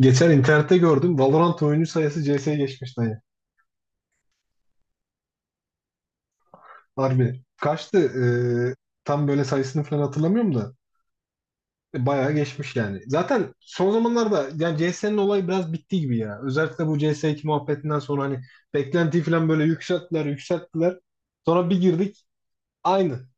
Geçen internette gördüm. Valorant oyuncu sayısı CS'ye geçmiş dayı. Harbi. Kaçtı? Ee, tam böyle sayısını falan hatırlamıyorum da. Bayağı geçmiş yani. Zaten son zamanlarda yani CS'nin olayı biraz bitti gibi ya. Özellikle bu CS2 muhabbetinden sonra hani beklentiyi falan böyle yükselttiler. Sonra bir girdik. Aynı.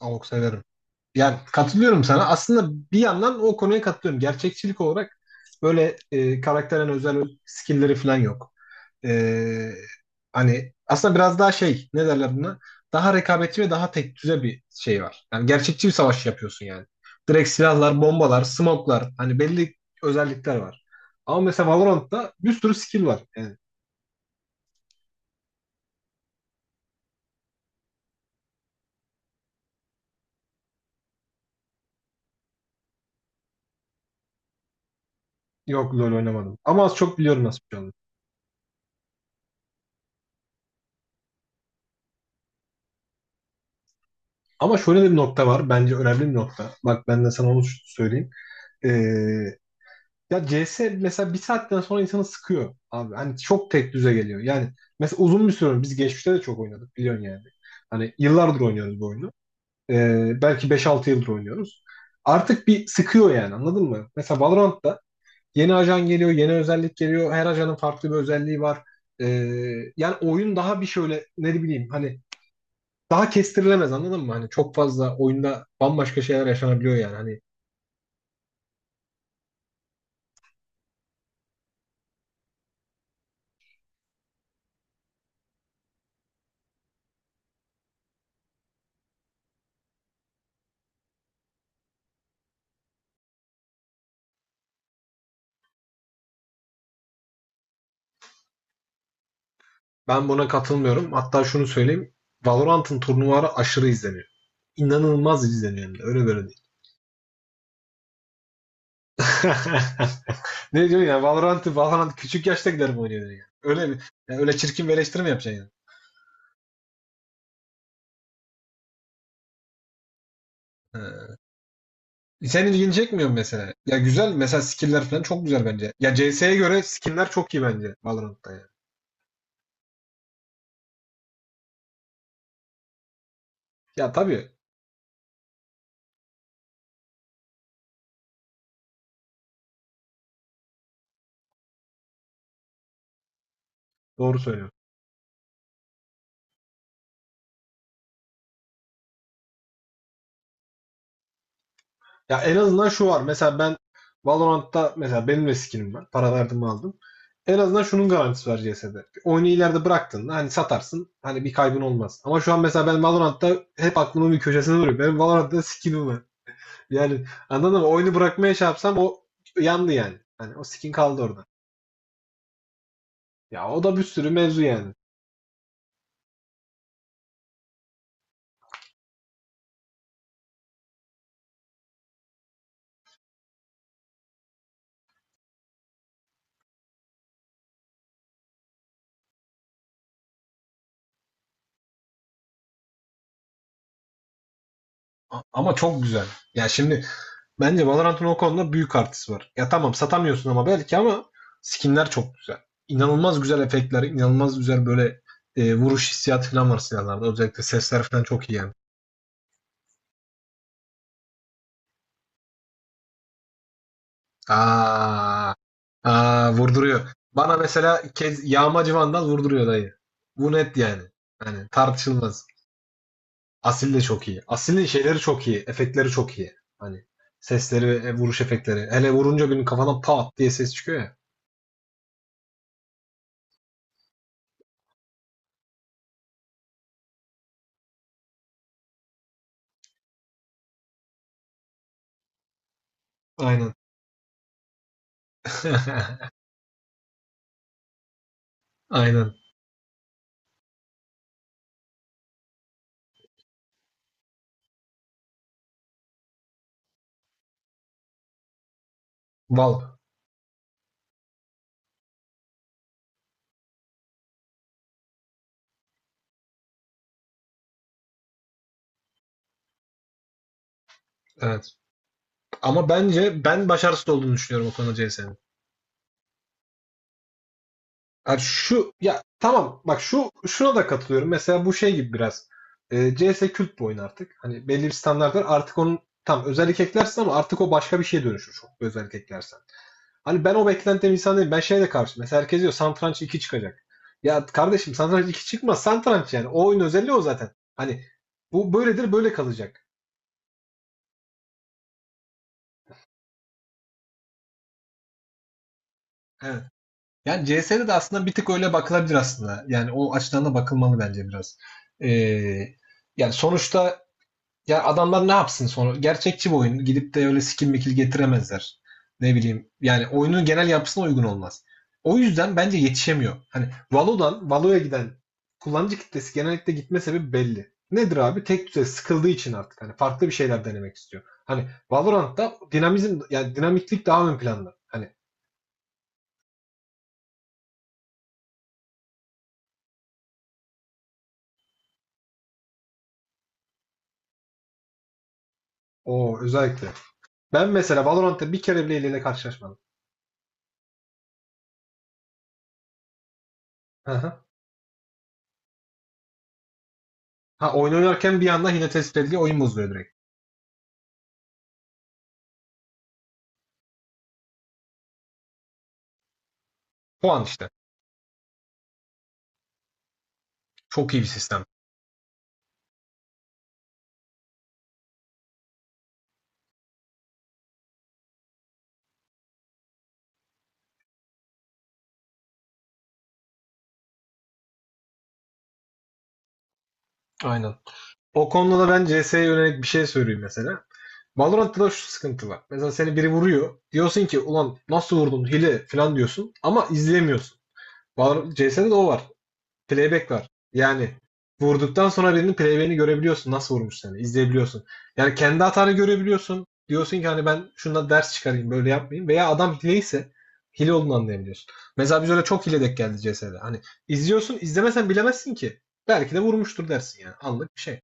Avok severim. Yani katılıyorum sana. Aslında bir yandan o konuya katılıyorum. Gerçekçilik olarak böyle karakterin özel skill'leri falan yok. E, Hani aslında biraz daha şey ne derler buna? Daha rekabetçi ve daha tek düze bir şey var. Yani gerçekçi bir savaş yapıyorsun yani. Direkt silahlar, bombalar, smoke'lar hani belli özellikler var. Ama mesela Valorant'ta bir sürü skill var. Yani yok, LoL oynamadım. Ama az çok biliyorum nasıl bir şey olduğunu. Ama şöyle de bir nokta var. Bence önemli bir nokta. Bak ben de sana onu söyleyeyim. E, Ya CS mesela bir saatten sonra insanı sıkıyor abi. Hani çok tek düze geliyor. Yani mesela uzun bir süre biz geçmişte de çok oynadık biliyorsun yani. Hani yıllardır oynuyoruz bu oyunu. Belki 5 6 yıldır oynuyoruz. Artık bir sıkıyor yani anladın mı? Mesela Valorant'ta yeni ajan geliyor, yeni özellik geliyor. Her ajanın farklı bir özelliği var. Ee, Yani oyun daha bir şöyle ne bileyim hani daha kestirilemez anladın mı? Hani çok fazla oyunda bambaşka şeyler yaşanabiliyor yani. Hani ben buna katılmıyorum. Hatta şunu söyleyeyim. Valorant'ın turnuvaları aşırı izleniyor. İnanılmaz izleniyor yani. Öyle böyle değil. Ne diyorsun ya? Valorant küçük yaşta giderim oynuyor yani. Öyle mi? Yani öyle çirkin bir eleştiri mi yapacaksın yani? Senin ilgini çekmiyor mesela? Ya güzel, mesela skill'ler falan çok güzel bence. Ya CS'ye göre skinler çok iyi bence Valorant'ta yani. Ya tabii, doğru söylüyorsun. Ya en azından şu var. Mesela ben Valorant'ta, mesela benim de skinim var. Para verdim aldım. En azından şunun garantisi var CS'de. Oyunu ileride bıraktığında hani satarsın. Hani bir kaybın olmaz. Ama şu an mesela ben Valorant'ta hep aklımın bir köşesinde duruyor. Benim Valorant'ta skinim var. Yani anladın mı? Oyunu bırakmaya şey yapsam o yandı yani. Hani o skin kaldı orada. Ya o da bir sürü mevzu yani. Ama çok güzel. Ya şimdi bence Valorant'ın o konuda büyük artısı var. Ya tamam satamıyorsun ama belki ama skinler çok güzel. İnanılmaz güzel efektler, inanılmaz güzel böyle vuruş hissiyatı falan var silahlarda. Özellikle sesler falan çok iyi yani. Aa, aa, vurduruyor. Bana mesela kez yağmacı vandal vurduruyor dayı. Bu net yani. Hani tartışılmaz. Asil de çok iyi. Asil'in şeyleri çok iyi. Efektleri çok iyi. Hani sesleri ve vuruş efektleri. Hele vurunca birinin kafadan pat diye ses çıkıyor ya. Aynen. Aynen. Val. Evet. Ama bence ben başarısız olduğunu düşünüyorum o konuda CS'nin. Yani şu, ya tamam bak şu, şuna da katılıyorum. Mesela bu şey gibi biraz. CS kült bir oyun artık. Hani belli bir standart var. Artık onun tam özellik eklersin ama artık o başka bir şeye dönüşür. Çok bir özellik eklersen. Hani ben o beklentiden insan değilim. Ben şeye de karşı. Mesela herkes diyor Satranç iki çıkacak. Ya kardeşim Satranç iki çıkmaz. Satranç yani. O oyun özelliği o zaten. Hani bu böyledir, böyle kalacak. Evet. Yani CS'de de aslında bir tık öyle bakılabilir aslında. Yani o açıdan da bakılmalı bence biraz. Ee, Yani sonuçta ya adamlar ne yapsın sonra? Gerçekçi bir oyun. Gidip de öyle skin mikil getiremezler. Ne bileyim. Yani oyunun genel yapısına uygun olmaz. O yüzden bence yetişemiyor. Hani Valo'dan Valo'ya giden kullanıcı kitlesi genellikle gitme sebebi belli. Nedir abi? Tek düze sıkıldığı için artık hani farklı bir şeyler denemek istiyor. Hani Valorant'ta dinamizm yani dinamiklik daha ön planda. Hani o özellikle. Ben mesela Valorant'ta bir kere bile hileyle karşılaşmadım. Hı hı. Ha, oyun oynarken bir anda hile tespit ediliyor, oyun bozuluyor direkt. Puan işte. Çok iyi bir sistem. Aynen. O konuda da ben CS'ye yönelik bir şey söyleyeyim mesela. Valorant'ta da şu sıkıntı var. Mesela seni biri vuruyor. Diyorsun ki ulan nasıl vurdun, hile falan diyorsun. Ama izleyemiyorsun. CS'de de o var. Playback var. Yani vurduktan sonra birinin playback'ini görebiliyorsun. Nasıl vurmuş seni, izleyebiliyorsun. Yani kendi hatanı görebiliyorsun. Diyorsun ki hani ben şundan ders çıkarayım, böyle yapmayayım. Veya adam hileyse hile olduğunu anlayabiliyorsun. Mesela biz öyle çok hile denk geldi CS'de. Hani izliyorsun, izlemesen bilemezsin ki. Belki de vurmuştur dersin yani. Anlık bir şey.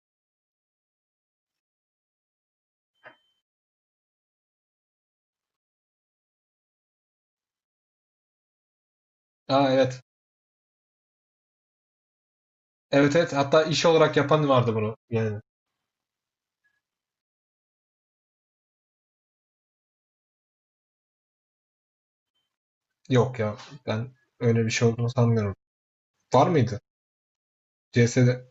Aa evet. Evet evet. Hatta iş olarak yapan vardı bunu. Yani yok ya. Ben öyle bir şey olduğunu sanmıyorum. Var mıydı? CS'de.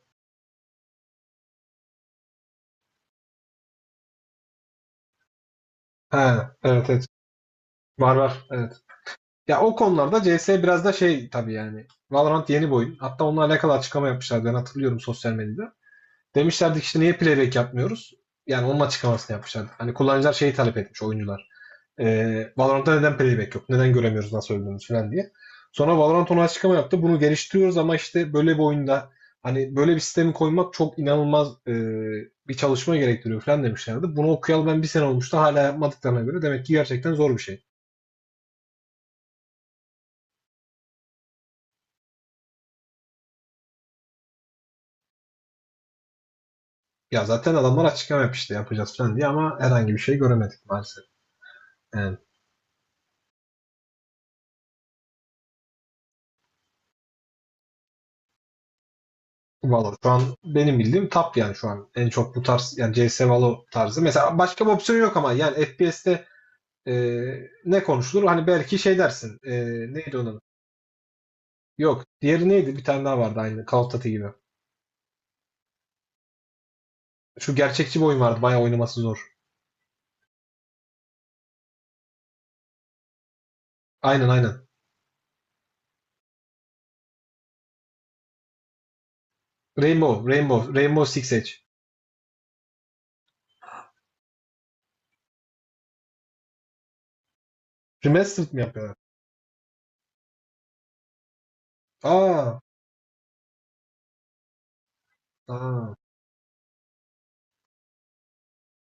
Ha evet evet. Var var. Evet. Ya o konularda CS biraz da şey tabii yani. Valorant yeni bir oyun. Hatta onunla alakalı açıklama yapmışlardı. Ben hatırlıyorum sosyal medyada. Demişlerdi ki işte niye playback yapmıyoruz? Yani onun açıklamasını yapmışlardı. Hani kullanıcılar şeyi talep etmiş, oyuncular. Valorant'ta neden playback yok? Neden göremiyoruz nasıl öldüğümüzü falan diye. Sonra Valorant ona açıklama yaptı. Bunu geliştiriyoruz ama işte böyle bir oyunda hani böyle bir sistemi koymak çok inanılmaz bir çalışma gerektiriyor falan demişlerdi. Bunu okuyalı ben bir sene olmuştu. Hala yapmadıklarına göre demek ki gerçekten zor bir şey. Ya zaten adamlar açıklama yapmıştı yapacağız falan diye ama herhangi bir şey göremedik maalesef. Yani Valo şu an benim bildiğim top yani şu an en çok bu tarz, yani CS Valo tarzı. Mesela başka bir opsiyon yok ama yani FPS'te e, ne konuşulur? Hani belki şey dersin. Neydi onun? Yok. Diğeri neydi? Bir tane daha vardı aynı. Call of Duty gibi. Şu gerçekçi bir oyun vardı. Bayağı oynaması zor. Aynen aynen. Rainbow Six Siege. Remastered mi yapıyorlar? Aa. Aa.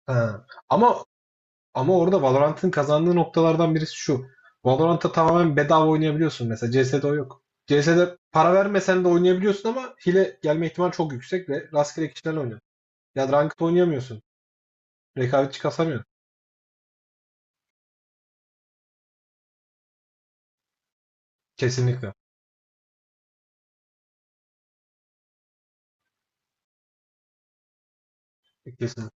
Ha. Ama ama orada Valorant'ın kazandığı noktalardan birisi şu. Valorant'ta tamamen bedava oynayabiliyorsun mesela. CS'de o yok. CS'de para vermesen de oynayabiliyorsun ama hile gelme ihtimali çok yüksek ve rastgele kişilerle oynuyorsun. Ya ranked oynayamıyorsun. Rekabetçi kasamıyorsun. Kesinlikle. Kesinlikle.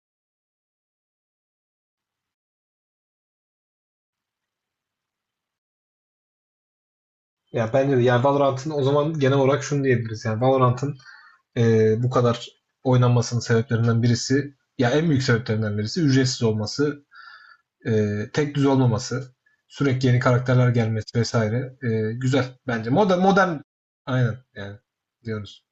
Ya bence de yani Valorant'ın, o zaman genel olarak şunu diyebiliriz. Yani Valorant'ın bu kadar oynanmasının sebeplerinden birisi, ya en büyük sebeplerinden birisi ücretsiz olması. Tek düz olmaması, sürekli yeni karakterler gelmesi vesaire. Güzel bence. Modern, aynen yani diyoruz.